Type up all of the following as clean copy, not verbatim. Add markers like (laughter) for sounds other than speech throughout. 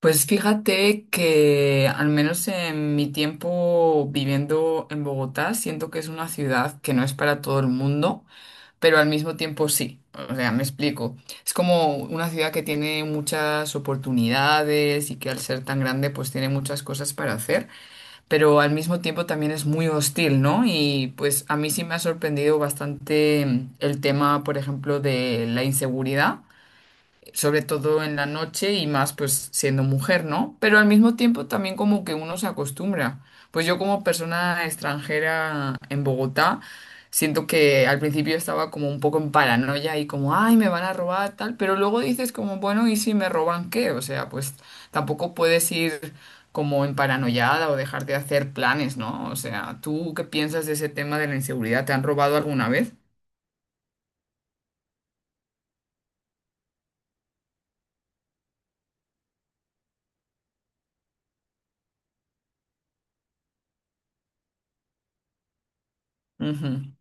Pues fíjate que al menos en mi tiempo viviendo en Bogotá, siento que es una ciudad que no es para todo el mundo, pero al mismo tiempo sí. O sea, me explico. Es como una ciudad que tiene muchas oportunidades y que al ser tan grande pues tiene muchas cosas para hacer, pero al mismo tiempo también es muy hostil, ¿no? Y pues a mí sí me ha sorprendido bastante el tema, por ejemplo, de la inseguridad sobre todo en la noche y más pues siendo mujer, ¿no? Pero al mismo tiempo también como que uno se acostumbra. Pues yo como persona extranjera en Bogotá, siento que al principio estaba como un poco en paranoia y como, ay, me van a robar tal, pero luego dices como, bueno, ¿y si me roban qué? O sea, pues tampoco puedes ir como en paranoiada o dejar de hacer planes, ¿no? O sea, ¿tú qué piensas de ese tema de la inseguridad? ¿Te han robado alguna vez? Ujú,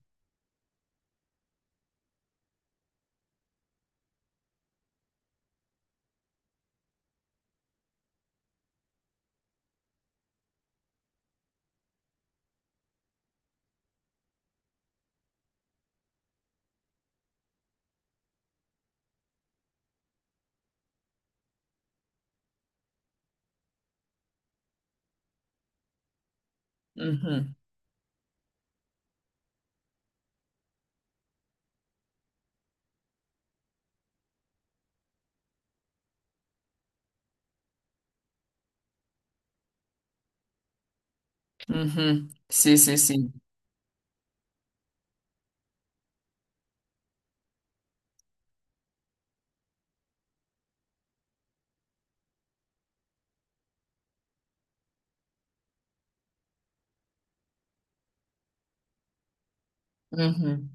ujú, ujú. Sí, sí, sí. Ujú.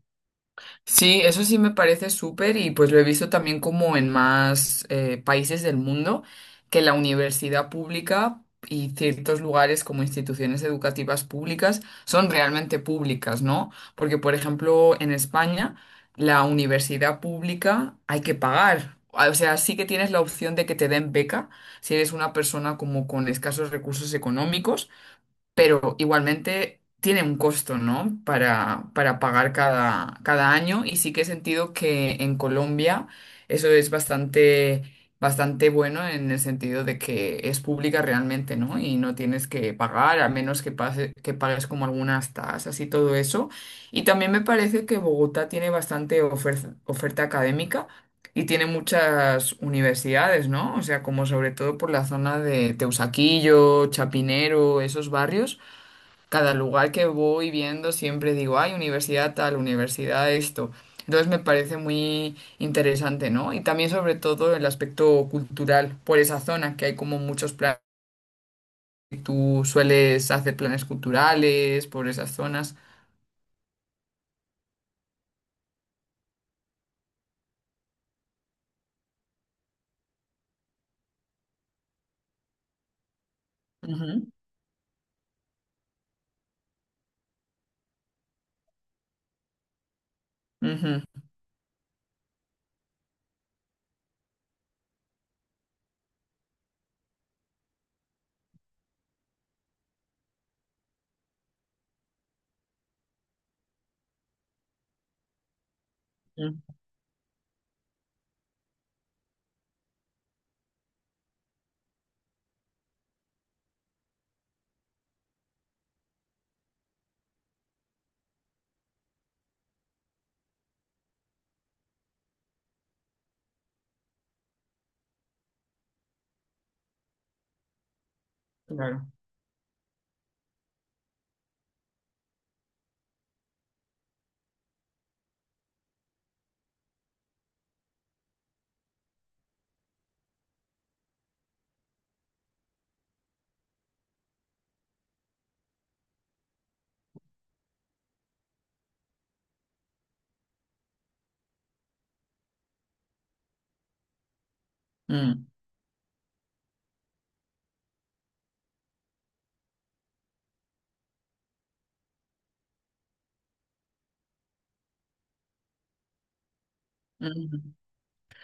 Sí, eso sí me parece súper y pues lo he visto también como en más países del mundo, que la universidad pública y ciertos lugares como instituciones educativas públicas son realmente públicas, ¿no? Porque, por ejemplo, en España, la universidad pública hay que pagar. Ah, o sea, sí que tienes la opción de que te den beca si eres una persona como con escasos recursos económicos pero igualmente tiene un costo, ¿no? Para pagar cada año y sí que he sentido que en Colombia eso es bastante, bastante bueno en el sentido de que es pública realmente, ¿no? Y no tienes que pagar, a menos que, pase, que pagues como algunas tasas y todo eso. Y también me parece que Bogotá tiene bastante oferta académica y tiene muchas universidades, ¿no? O sea, como sobre todo por la zona de Teusaquillo, Chapinero, esos barrios cada lugar que voy viendo siempre digo, ay, universidad tal, universidad esto. Entonces me parece muy interesante, ¿no? Y también sobre todo el aspecto cultural por esa zona, que hay como muchos planes, tú sueles hacer planes culturales por esas zonas. Ujú, ujú, mm, claro. mm, ujú.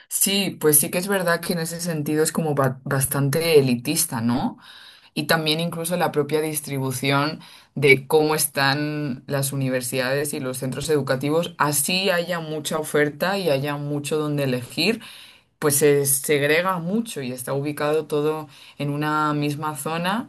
Sí, pues sí que es verdad que en ese sentido es como bastante elitista, ¿no? Y también incluso la propia distribución de cómo están las universidades y los centros educativos. Así haya mucha oferta y haya mucho donde elegir, pues se segrega mucho y está ubicado todo en una misma zona.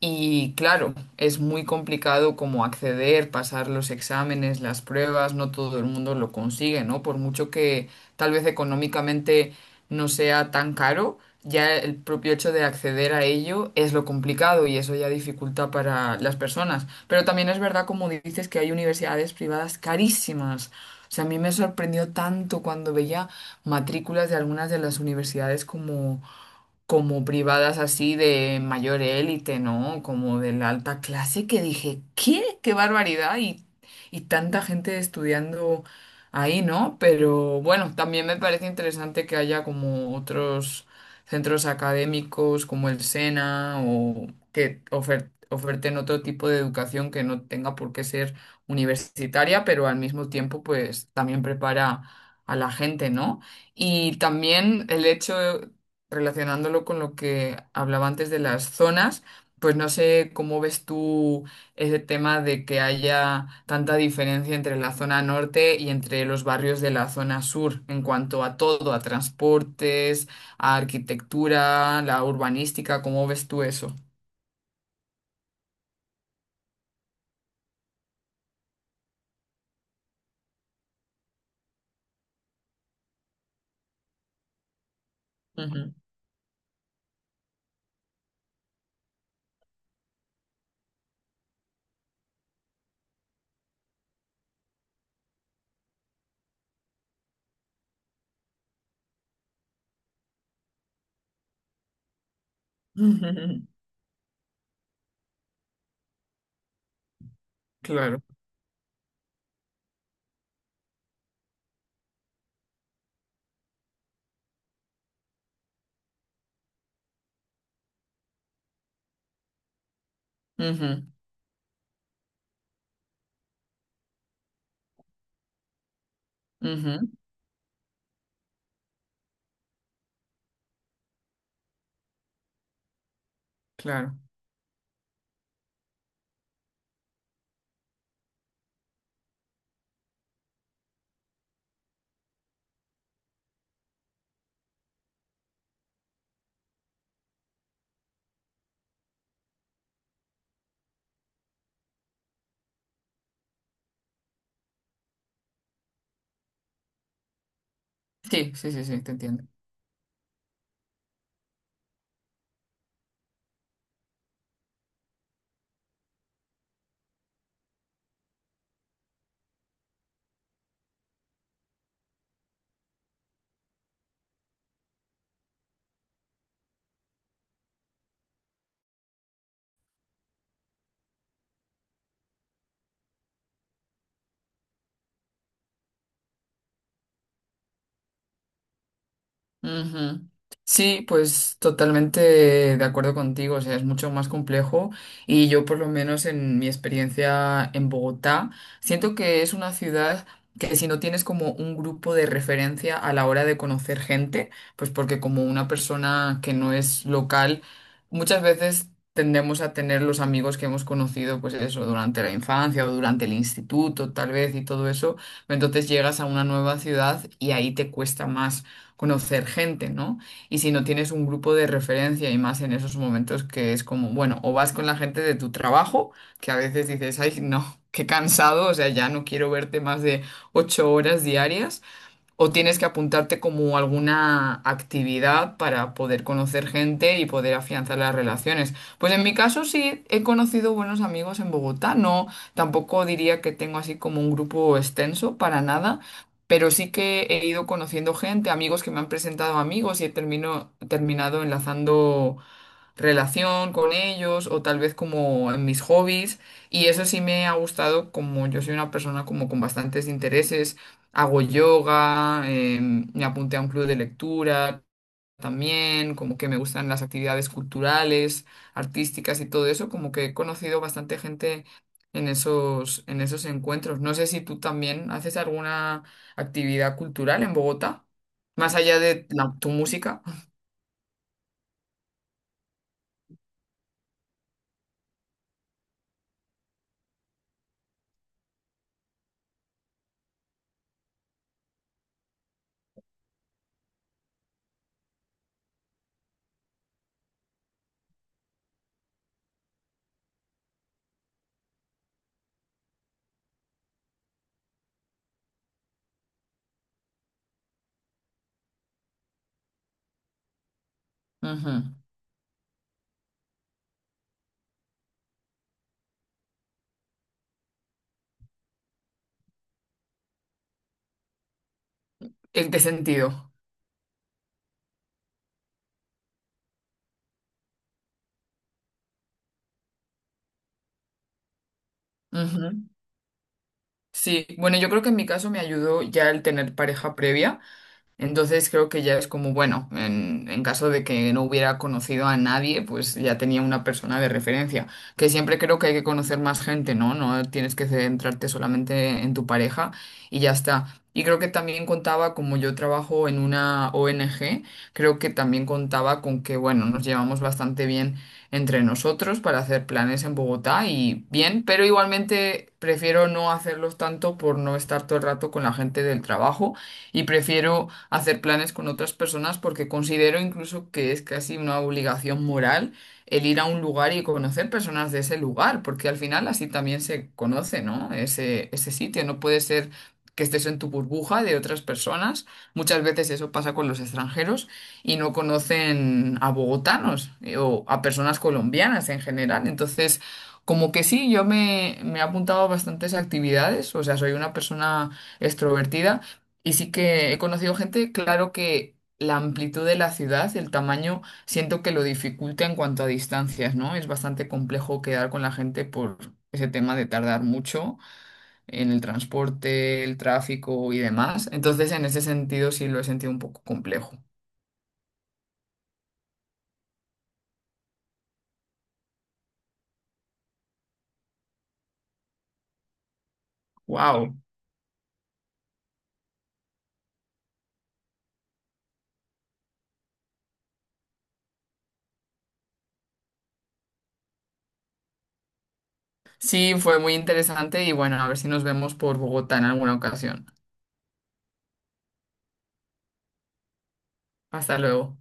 Y claro, es muy complicado como acceder, pasar los exámenes, las pruebas, no todo el mundo lo consigue, ¿no? Por mucho que tal vez económicamente no sea tan caro, ya el propio hecho de acceder a ello es lo complicado y eso ya dificulta para las personas. Pero también es verdad, como dices, que hay universidades privadas carísimas. O sea, a mí me sorprendió tanto cuando veía matrículas de algunas de las universidades como privadas así de mayor élite, ¿no? Como de la alta clase, que dije, ¿qué? ¡Qué barbaridad! Y tanta gente estudiando ahí, ¿no? Pero bueno, también me parece interesante que haya como otros centros académicos como el SENA o que oferten otro tipo de educación que no tenga por qué ser universitaria, pero al mismo tiempo pues también prepara a la gente, ¿no? Y también el hecho relacionándolo con lo que hablaba antes de las zonas, pues no sé cómo ves tú ese tema de que haya tanta diferencia entre la zona norte y entre los barrios de la zona sur en cuanto a todo, a transportes, a arquitectura, la urbanística, ¿cómo ves tú eso? Ujú. (laughs) Claro. Ujú, ujú, claro. Sí, sí, sí, sí, te entiendo. Ujú. Sí, pues totalmente de acuerdo contigo, o sea, es mucho más complejo y yo por lo menos en mi experiencia en Bogotá, siento que es una ciudad que si no tienes como un grupo de referencia a la hora de conocer gente, pues porque como una persona que no es local, muchas veces tendemos a tener los amigos que hemos conocido, pues eso, durante la infancia o durante el instituto, tal vez, y todo eso, entonces llegas a una nueva ciudad y ahí te cuesta más conocer gente, ¿no? Y si no tienes un grupo de referencia y más en esos momentos que es como, bueno, o vas con la gente de tu trabajo, que a veces dices, ay, no, qué cansado, o sea, ya no quiero verte más de 8 horas diarias. O tienes que apuntarte como alguna actividad para poder conocer gente y poder afianzar las relaciones. Pues en mi caso sí he conocido buenos amigos en Bogotá. No, tampoco diría que tengo así como un grupo extenso para nada, pero sí que he ido conociendo gente, amigos que me han presentado amigos y he terminado enlazando relación con ellos o tal vez como en mis hobbies y eso sí me ha gustado como yo soy una persona como con bastantes intereses, hago yoga, me apunté a un club de lectura también, como que me gustan las actividades culturales, artísticas y todo eso, como que he conocido bastante gente en esos encuentros. No sé si tú también haces alguna actividad cultural en Bogotá, más allá de tu música. Ujú. ¿En qué sentido? Sí, bueno, yo creo que en mi caso me ayudó ya el tener pareja previa, entonces creo que ya es como, bueno, en caso de que no hubiera conocido a nadie, pues ya tenía una persona de referencia. Que siempre creo que hay que conocer más gente, ¿no? No tienes que centrarte solamente en tu pareja y ya está. Y creo que también contaba, como yo trabajo en una ONG, creo que también contaba con que, bueno, nos llevamos bastante bien entre nosotros para hacer planes en Bogotá y bien, pero igualmente prefiero no hacerlos tanto por no estar todo el rato con la gente del trabajo y prefiero hacer planes con otras personas porque considero incluso que es casi una obligación moral el ir a un lugar y conocer personas de ese lugar, porque al final así también se conoce, ¿no? Ese sitio, no puede ser que estés en tu burbuja de otras personas. Muchas veces eso pasa con los extranjeros y no conocen a bogotanos o a personas colombianas en general. Entonces, como que sí, yo me he apuntado a bastantes actividades, o sea, soy una persona extrovertida y sí que he conocido gente, claro que la amplitud de la ciudad, el tamaño, siento que lo dificulta en cuanto a distancias, ¿no? Es bastante complejo quedar con la gente por ese tema de tardar mucho en el transporte, el tráfico y demás. Entonces, en ese sentido, sí lo he sentido un poco complejo. ¡Wow! Sí, fue muy interesante y bueno, a ver si nos vemos por Bogotá en alguna ocasión. Hasta luego.